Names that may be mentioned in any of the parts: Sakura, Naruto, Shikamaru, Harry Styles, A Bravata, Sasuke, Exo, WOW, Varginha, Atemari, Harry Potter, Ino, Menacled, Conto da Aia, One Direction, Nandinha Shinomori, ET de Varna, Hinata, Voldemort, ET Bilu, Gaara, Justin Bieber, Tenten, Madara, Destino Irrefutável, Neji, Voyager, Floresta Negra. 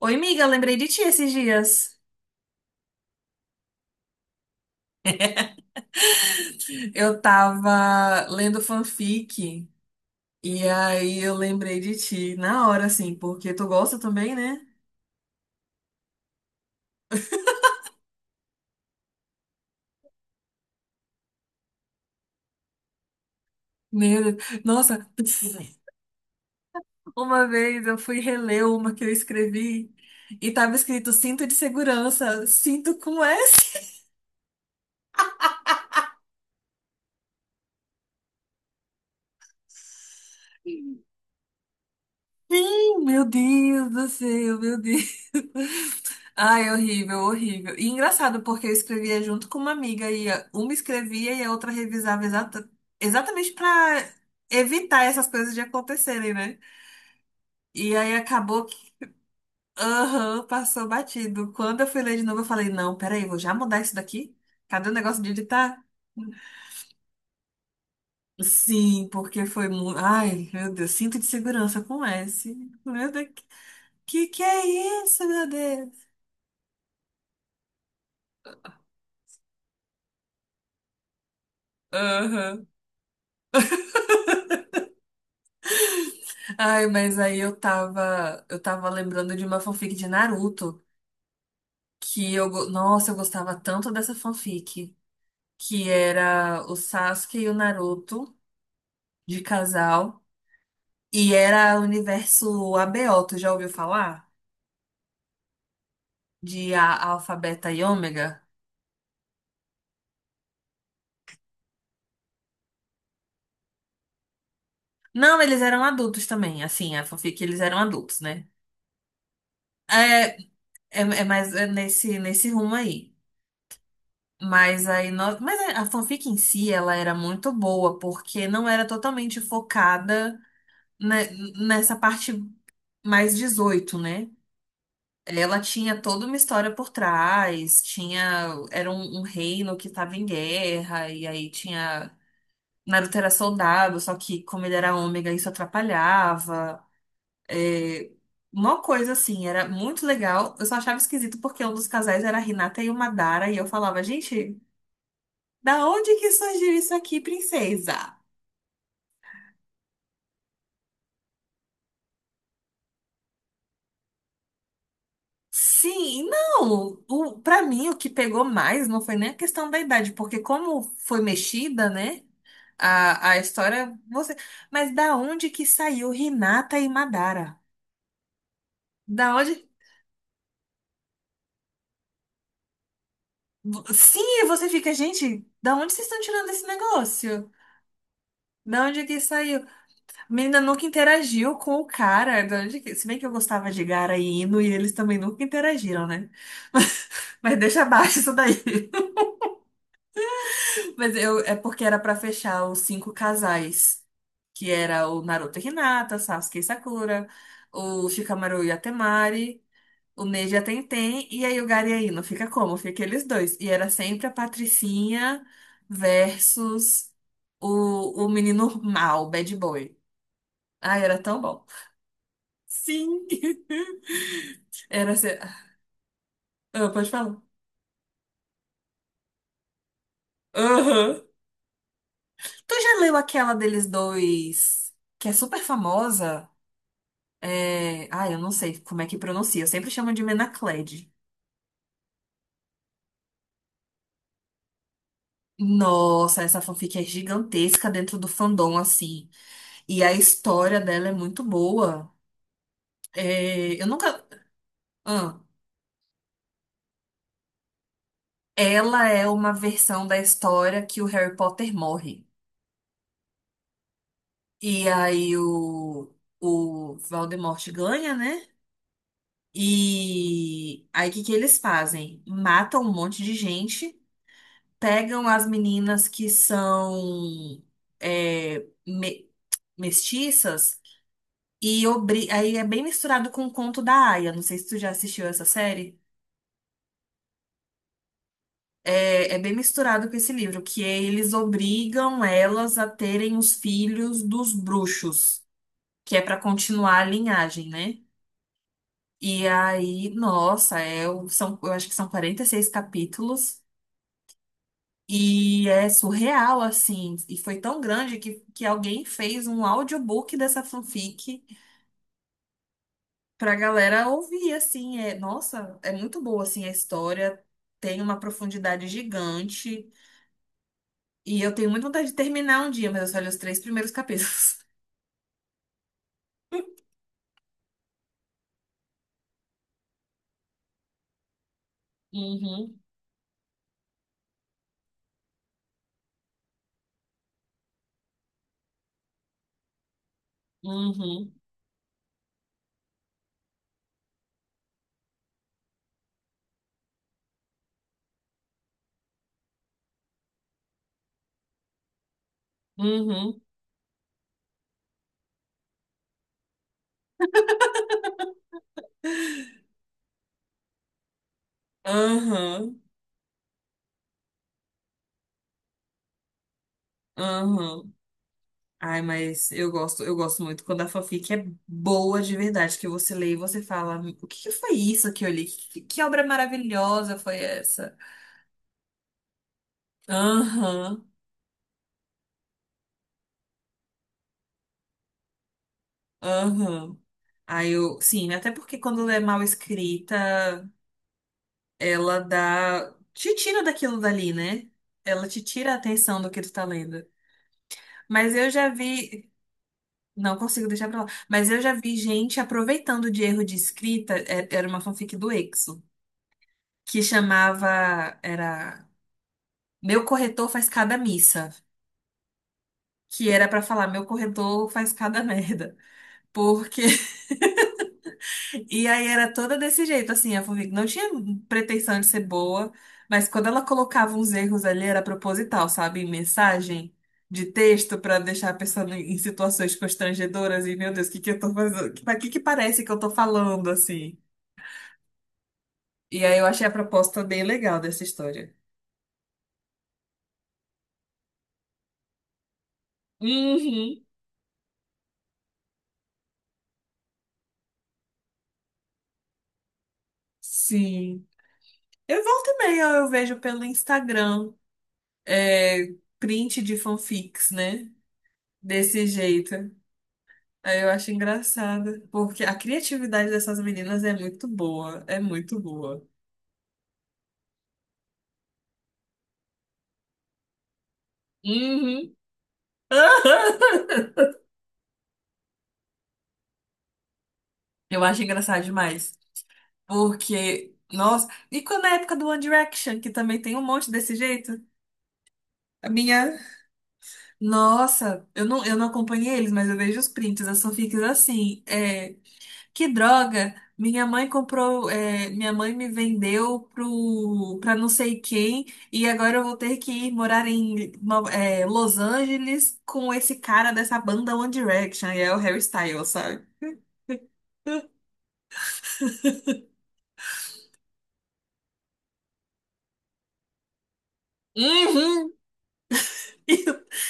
Oi, amiga, lembrei de ti esses dias. Eu tava lendo fanfic e aí eu lembrei de ti na hora, assim, porque tu gosta também, né? Meu Deus. Nossa, uma vez eu fui reler uma que eu escrevi e tava escrito cinto de segurança, cinto com S. Oh, Meu Deus do céu, meu Deus. Ai, horrível, horrível. E engraçado, porque eu escrevia junto com uma amiga e uma escrevia e a outra revisava exatamente para evitar essas coisas de acontecerem, né? E aí acabou que, aham, passou batido. Quando eu fui ler de novo, eu falei, não, peraí, vou já mudar isso daqui? Cadê o negócio de editar? Sim, porque foi muito. Ai, meu Deus, cinto de segurança com S. Meu Deus, que é isso, meu Deus? Aham. Ai, mas aí eu tava lembrando de uma fanfic de Naruto que eu, nossa, eu gostava tanto dessa fanfic, que era o Sasuke e o Naruto de casal e era o universo ABO, tu já ouviu falar? De a, Alfa, Beta e Ômega? Não, eles eram adultos também, assim, a fanfic eles eram adultos, né? É, é, é mais é nesse rumo aí. Mas aí nós, mas a fanfic em si ela era muito boa, porque não era totalmente focada ne- nessa parte mais dezoito, né? Ela tinha toda uma história por trás, tinha era um reino que estava em guerra e aí tinha Naruto era soldado, só que como ele era ômega isso atrapalhava. É, uma coisa assim, era muito legal. Eu só achava esquisito porque um dos casais era a Hinata e o Madara e eu falava, gente, da onde que surgiu isso aqui, princesa? Sim, não. O, para mim, o que pegou mais não foi nem a questão da idade, porque como foi mexida, né? A história, você. Mas da onde que saiu Hinata e Madara? Da onde? Sim, e você fica, gente, da onde vocês estão tirando esse negócio? Da onde que saiu? A menina nunca interagiu com o cara. Da onde que... Se bem que eu gostava de Gara e Ino, e eles também nunca interagiram, né? Mas deixa abaixo isso daí. Mas eu, é porque era pra fechar os cinco casais, que era o Naruto e Hinata, Sasuke e Sakura, o Shikamaru e Atemari, o Neji e a Tenten, e aí o Gaara e a Ino. Fica como? Fica aqueles dois. E era sempre a Patricinha versus o menino mal, bad boy. Ai, era tão bom. Sim! Era ser... Ah, pode falar. Aham. Tu já leu aquela deles dois, que é super famosa? É... Ah, eu não sei como é que pronuncia. Eu sempre chamo de Menacled. Nossa, essa fanfic é gigantesca dentro do fandom, assim. E a história dela é muito boa. É... Eu nunca. Ah, ela é uma versão da história que o Harry Potter morre. E aí o, Voldemort ganha, né? E aí o que que eles fazem? Matam um monte de gente, pegam as meninas que são mestiças e obri... aí é bem misturado com o Conto da Aia. Não sei se tu já assistiu essa série. É, é bem misturado com esse livro, que é eles obrigam elas a terem os filhos dos bruxos, que é para continuar a linhagem, né? E aí, nossa, é, o- são, eu acho que são 46 capítulos e é surreal, assim. E foi tão grande que alguém fez um audiobook dessa fanfic pra galera ouvir, assim, é, nossa, é muito boa, assim, a história, tem uma profundidade gigante, e eu tenho muita vontade de terminar um dia, mas eu só li os três primeiros capítulos. Uhum, uhum, uhum, uhum, uhum. Ai, mas eu gosto muito quando a fanfic é boa de verdade, que você lê e você fala, o que que foi isso que eu li? Que obra maravilhosa foi essa? Aham, aham. Aí eu, sim, até porque quando é mal escrita, ela dá. Te tira daquilo dali, né? Ela te tira a atenção do que tu tá lendo. Mas eu já vi. Não consigo deixar pra lá. Mas eu já vi gente aproveitando de erro de escrita. Era uma fanfic do Exo, que chamava. Era. Meu corretor faz cada missa. Que era pra falar, meu corretor faz cada merda. Porque e aí era toda desse jeito, assim, a Furvik não tinha pretensão de ser boa, mas quando ela colocava uns erros ali era proposital, sabe? Em mensagem de texto pra deixar a pessoa em situações constrangedoras e, meu Deus, o que que eu tô fazendo? Pra que que parece que eu tô falando, assim? E aí eu achei a proposta bem legal dessa história. Uhum. Sim. Eu volto e meia, eu vejo pelo Instagram, é, print de fanfics, né? Desse jeito. Aí eu acho engraçado, porque a criatividade dessas meninas é muito boa, é muito boa. Uhum. Eu acho engraçado demais, porque, nossa, e quando é a época do One Direction, que também tem um monte desse jeito? A minha, nossa, eu não acompanhei eles, mas eu vejo os prints, as fanfics assim, é, que droga! Minha mãe comprou, é, minha mãe me vendeu pro, pra não sei quem, e agora eu vou ter que ir morar em Los Angeles com esse cara dessa banda One Direction, e é o Harry Styles, sabe? Uhum.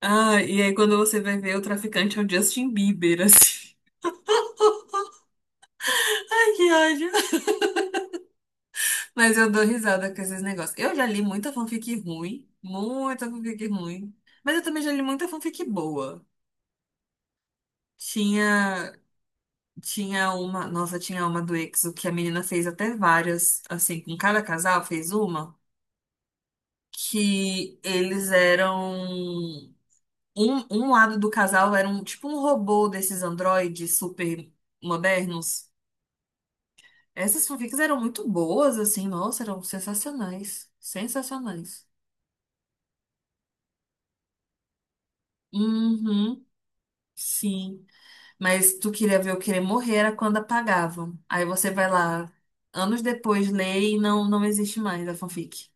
Ah, e aí quando você vai ver, o traficante é o Justin Bieber, assim. Ai, que ódio. Mas eu dou risada com esses negócios. Eu já li muita fanfic ruim, mas eu também já li muita fanfic boa. Tinha. Tinha uma, nossa, tinha uma do EXO que a menina fez até várias, assim, com cada casal fez uma, que eles eram, um lado do casal era um, tipo um robô desses androides super modernos. Essas fanfics eram muito boas, assim, nossa, eram sensacionais, sensacionais. Uhum, sim. Mas tu queria ver eu querer morrer era quando apagavam. Aí você vai lá, anos depois, lê e não, não existe mais a fanfic.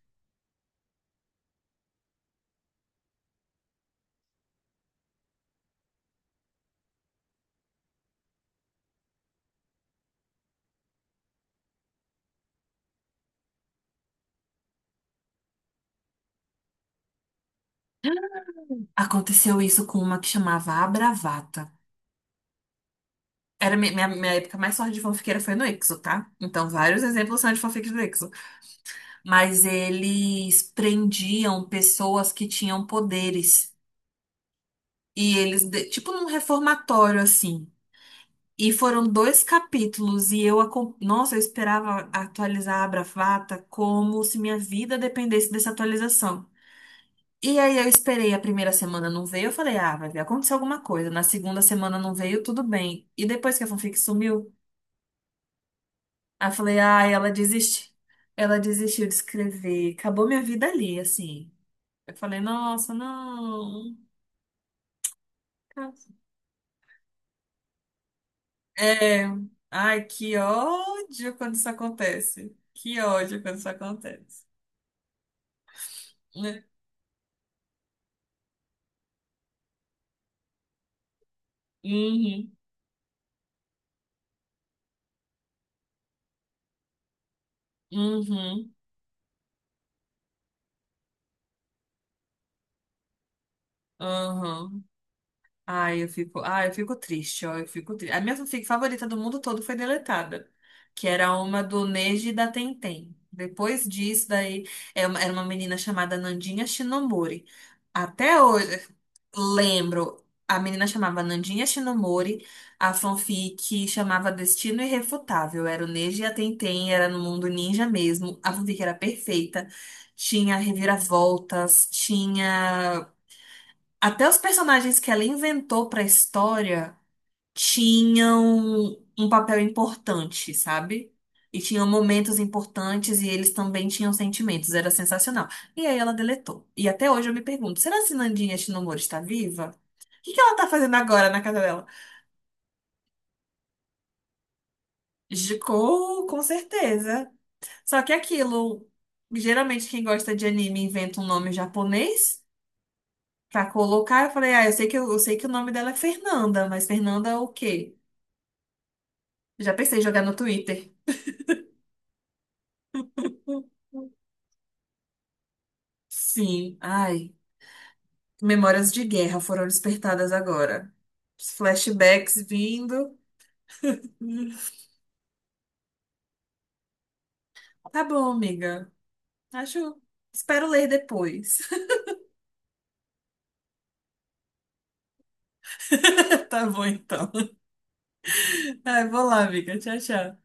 Aconteceu isso com uma que chamava A Bravata. Era minha época mais forte de fanfiqueira foi no Exo, tá? Então, vários exemplos são de fanfics do Exo. Mas eles prendiam pessoas que tinham poderes. E eles, tipo num reformatório, assim. E foram dois capítulos e eu, nossa, eu esperava atualizar a Bravata como se minha vida dependesse dessa atualização. E aí eu esperei a primeira semana não veio, eu falei, ah, vai ver, aconteceu alguma coisa. Na segunda semana não veio, tudo bem. E depois que a fanfic sumiu, aí eu falei, ah, ela desiste. Ela desistiu de escrever. Acabou minha vida ali, assim. Eu falei, nossa, não. É, ai, que ódio quando isso acontece. Que ódio quando isso acontece, né? Uhum, uhum, uhum. Ai, eu fico triste, ó, eu fico triste. A minha fanfic favorita do mundo todo foi deletada, que era uma do Neji e da Tenten. Depois disso, daí, é uma- era uma menina chamada Nandinha Shinomori. Até hoje, lembro, a menina chamava Nandinha Shinomori, a fanfic chamava Destino Irrefutável, era o Neji e a Tenten, era no mundo ninja mesmo, a fanfic era perfeita, tinha reviravoltas, tinha até os personagens que ela inventou pra história tinham um papel importante, sabe? E tinham momentos importantes e eles também tinham sentimentos, era sensacional. E aí ela deletou. E até hoje eu me pergunto, será que Nandinha Shinomori está viva? O que que ela tá fazendo agora na casa dela? Ficou, com certeza. Só que aquilo, geralmente quem gosta de anime inventa um nome japonês pra colocar. Eu falei, ah, eu sei que, eu sei que o nome dela é Fernanda, mas Fernanda é o quê? Já pensei em jogar no Twitter. Sim, ai, memórias de guerra foram despertadas agora. Os flashbacks vindo. Hum, Tá bom, amiga. Acho. Espero ler depois. Tá bom, então. Ai, vou lá, amiga. Tchau, tchau.